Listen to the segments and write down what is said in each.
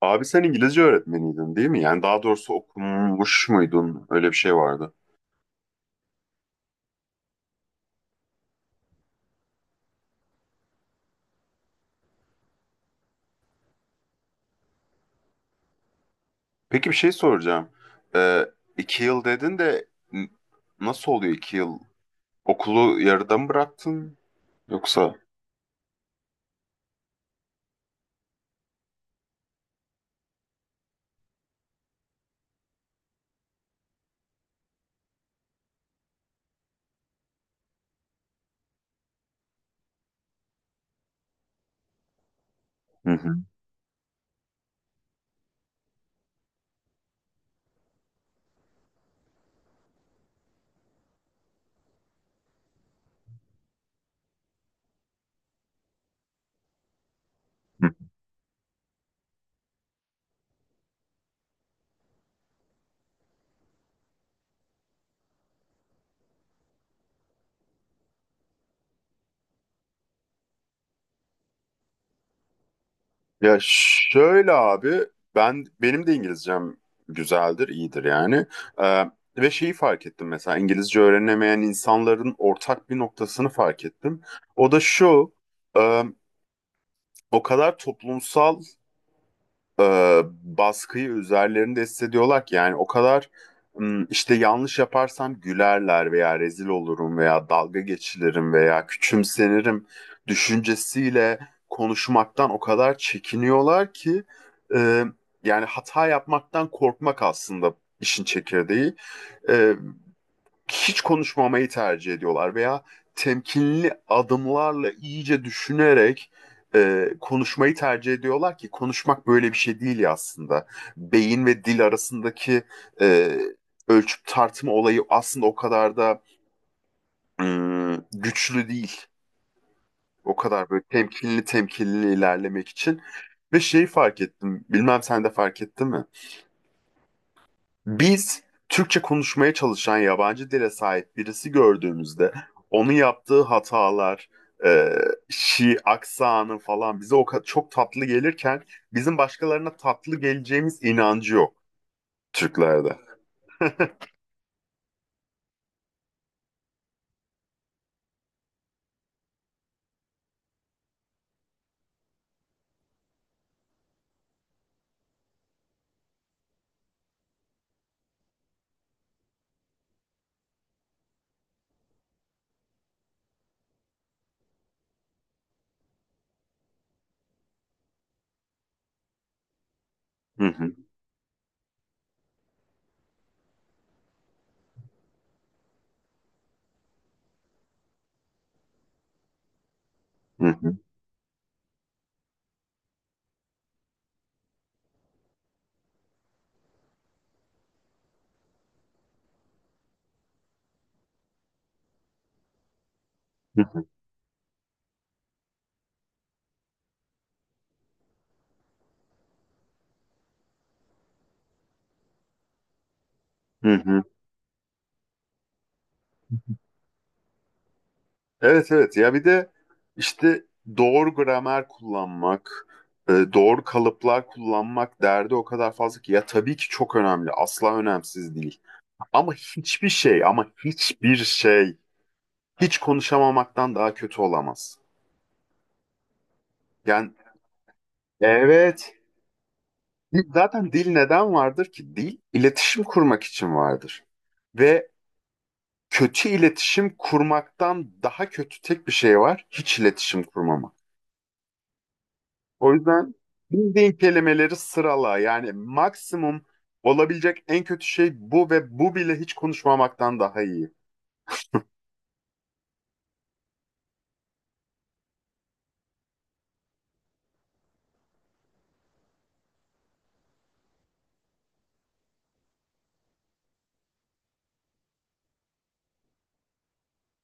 Abi sen İngilizce öğretmeniydin değil mi? Yani daha doğrusu okumuş muydun? Öyle bir şey vardı. Peki bir şey soracağım. Ee, 2 yıl dedin de nasıl oluyor 2 yıl? Okulu yarıda mı bıraktın? Yoksa? Hı hı. Hı. Ya şöyle abi benim de İngilizcem güzeldir, iyidir yani. Ee, ve şeyi fark ettim mesela İngilizce öğrenemeyen insanların ortak bir noktasını fark ettim. O da şu. e, o kadar toplumsal e, baskıyı üzerlerinde hissediyorlar ki yani o kadar işte yanlış yaparsam gülerler veya rezil olurum veya dalga geçilirim veya küçümsenirim düşüncesiyle konuşmaktan o kadar çekiniyorlar ki e, yani hata yapmaktan korkmak aslında işin çekirdeği. E, Hiç konuşmamayı tercih ediyorlar veya temkinli adımlarla iyice düşünerek konuşmayı tercih ediyorlar ki konuşmak böyle bir şey değil ya aslında. Beyin ve dil arasındaki e, ölçüp tartma olayı aslında o kadar da güçlü değil. O kadar böyle temkinli temkinli ilerlemek için. Ve şeyi fark ettim. Bilmem sen de fark ettin mi? Biz Türkçe konuşmaya çalışan yabancı dile sahip birisi gördüğümüzde onun yaptığı hatalar, e, aksanı falan bize o kadar çok tatlı gelirken bizim başkalarına tatlı geleceğimiz inancı yok Türklerde. Hı hı, hı hı, hı hı, hı hı. Evet evet ya bir de işte doğru gramer kullanmak, doğru kalıplar kullanmak derdi o kadar fazla ki ya tabii ki çok önemli asla önemsiz değil. Ama hiçbir şey hiç konuşamamaktan daha kötü olamaz. Yani evet zaten dil neden vardır ki? Dil iletişim kurmak için vardır. Ve kötü iletişim kurmaktan daha kötü tek bir şey var. Hiç iletişim kurmamak. O yüzden bildiğin kelimeleri sırala. Yani maksimum olabilecek en kötü şey bu ve bu bile hiç konuşmamaktan daha iyi.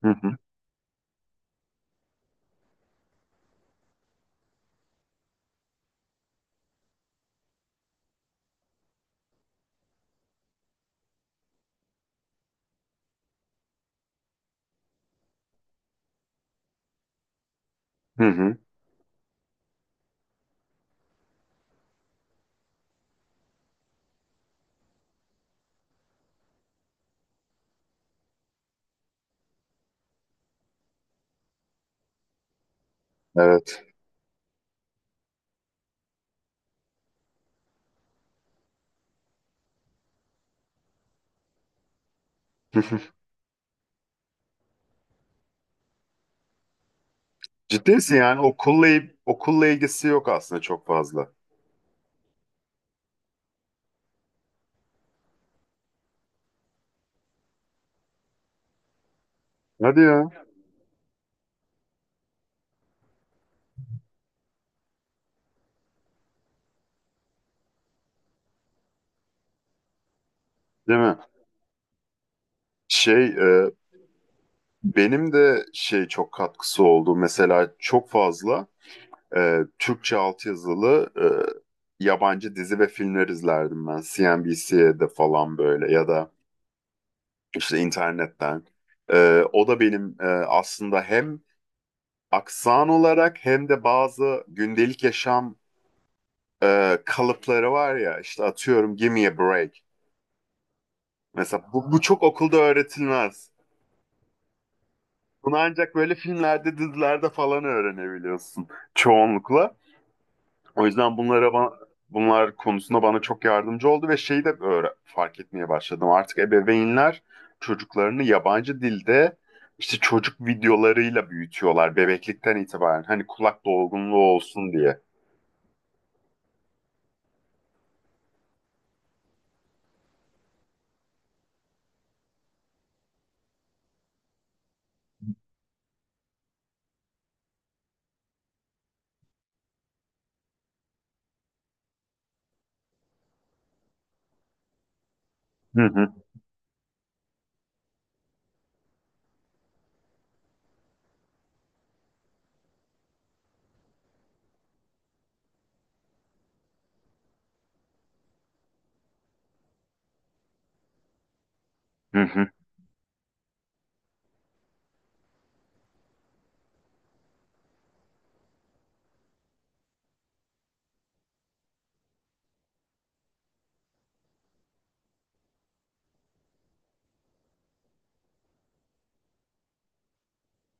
Hı hı. Evet. Hı hı. Evet. Ciddi misin yani okulla ilgisi yok aslında çok fazla. Hadi ya. Değil mi? Şey e, benim de şey çok katkısı oldu. Mesela çok fazla Türkçe altyazılı yabancı dizi ve filmler izlerdim ben. CNBC'de falan böyle ya da işte internetten. O da benim aslında hem aksan olarak hem de bazı gündelik yaşam kalıpları var ya işte atıyorum give me a break. Mesela bu çok okulda öğretilmez. Bunu ancak böyle filmlerde, dizilerde falan öğrenebiliyorsun çoğunlukla. O yüzden bunlara bunlar konusunda bana çok yardımcı oldu ve şeyi de fark etmeye başladım. Artık ebeveynler çocuklarını yabancı dilde işte çocuk videolarıyla büyütüyorlar bebeklikten itibaren. Hani kulak dolgunluğu olsun diye. Hı hı, hı hı.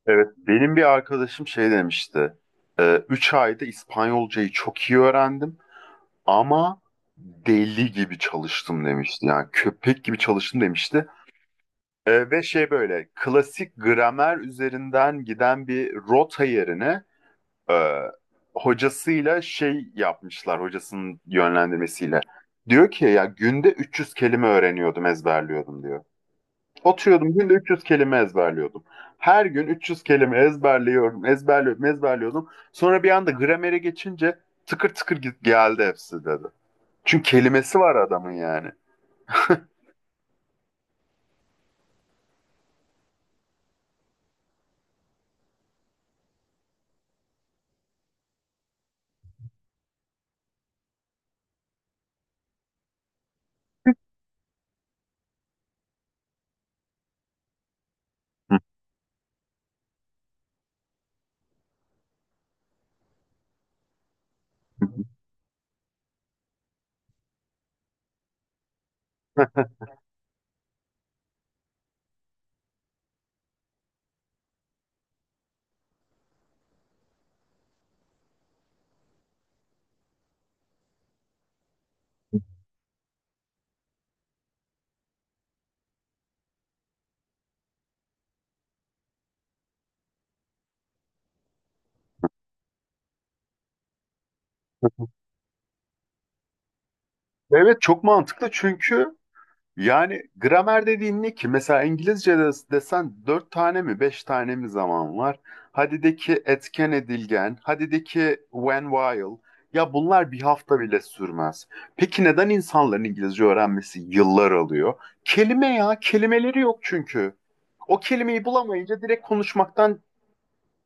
Evet, benim bir arkadaşım şey demişti. 3 ayda İspanyolcayı çok iyi öğrendim. Ama deli gibi çalıştım demişti. Yani köpek gibi çalıştım demişti. Ve şey böyle klasik gramer üzerinden giden bir rota yerine e, hocasıyla şey yapmışlar hocasının yönlendirmesiyle. Diyor ki ya günde 300 kelime öğreniyordum, ezberliyordum diyor. Oturuyordum günde 300 kelime ezberliyordum. Her gün 300 kelime ezberliyorum, ezberliyordum, ezberliyordum. Sonra bir anda gramere geçince tıkır tıkır geldi hepsi dedi. Çünkü kelimesi var adamın yani. Evet çok mantıklı çünkü yani gramer dediğin ne ki? Mesela İngilizce'de desen dört tane mi beş tane mi zaman var? Hadi de ki etken edilgen, hadi de ki when while. Ya bunlar bir hafta bile sürmez. Peki neden insanların İngilizce öğrenmesi yıllar alıyor? Kelime ya, kelimeleri yok çünkü. O kelimeyi bulamayınca direkt konuşmaktan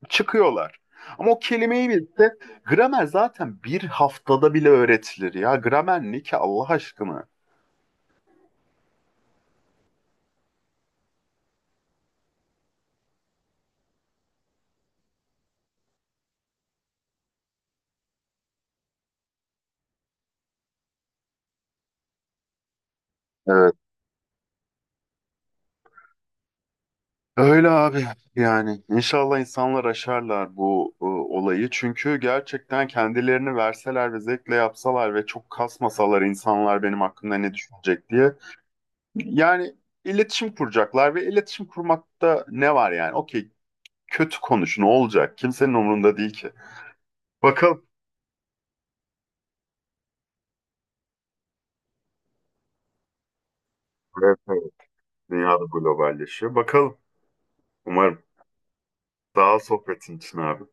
çıkıyorlar. Ama o kelimeyi bilse gramer zaten bir haftada bile öğretilir ya. Gramer ne ki Allah aşkına? Evet. Öyle abi yani inşallah insanlar aşarlar bu olayı çünkü gerçekten kendilerini verseler ve zevkle yapsalar ve çok kasmasalar insanlar benim hakkımda ne düşünecek diye yani iletişim kuracaklar ve iletişim kurmakta ne var yani okey kötü konuşun olacak kimsenin umurunda değil ki. Bakalım. Evet, evet. Dünyada globalleşiyor. Bakalım. Umarım. Sağ ol sohbetin için abi.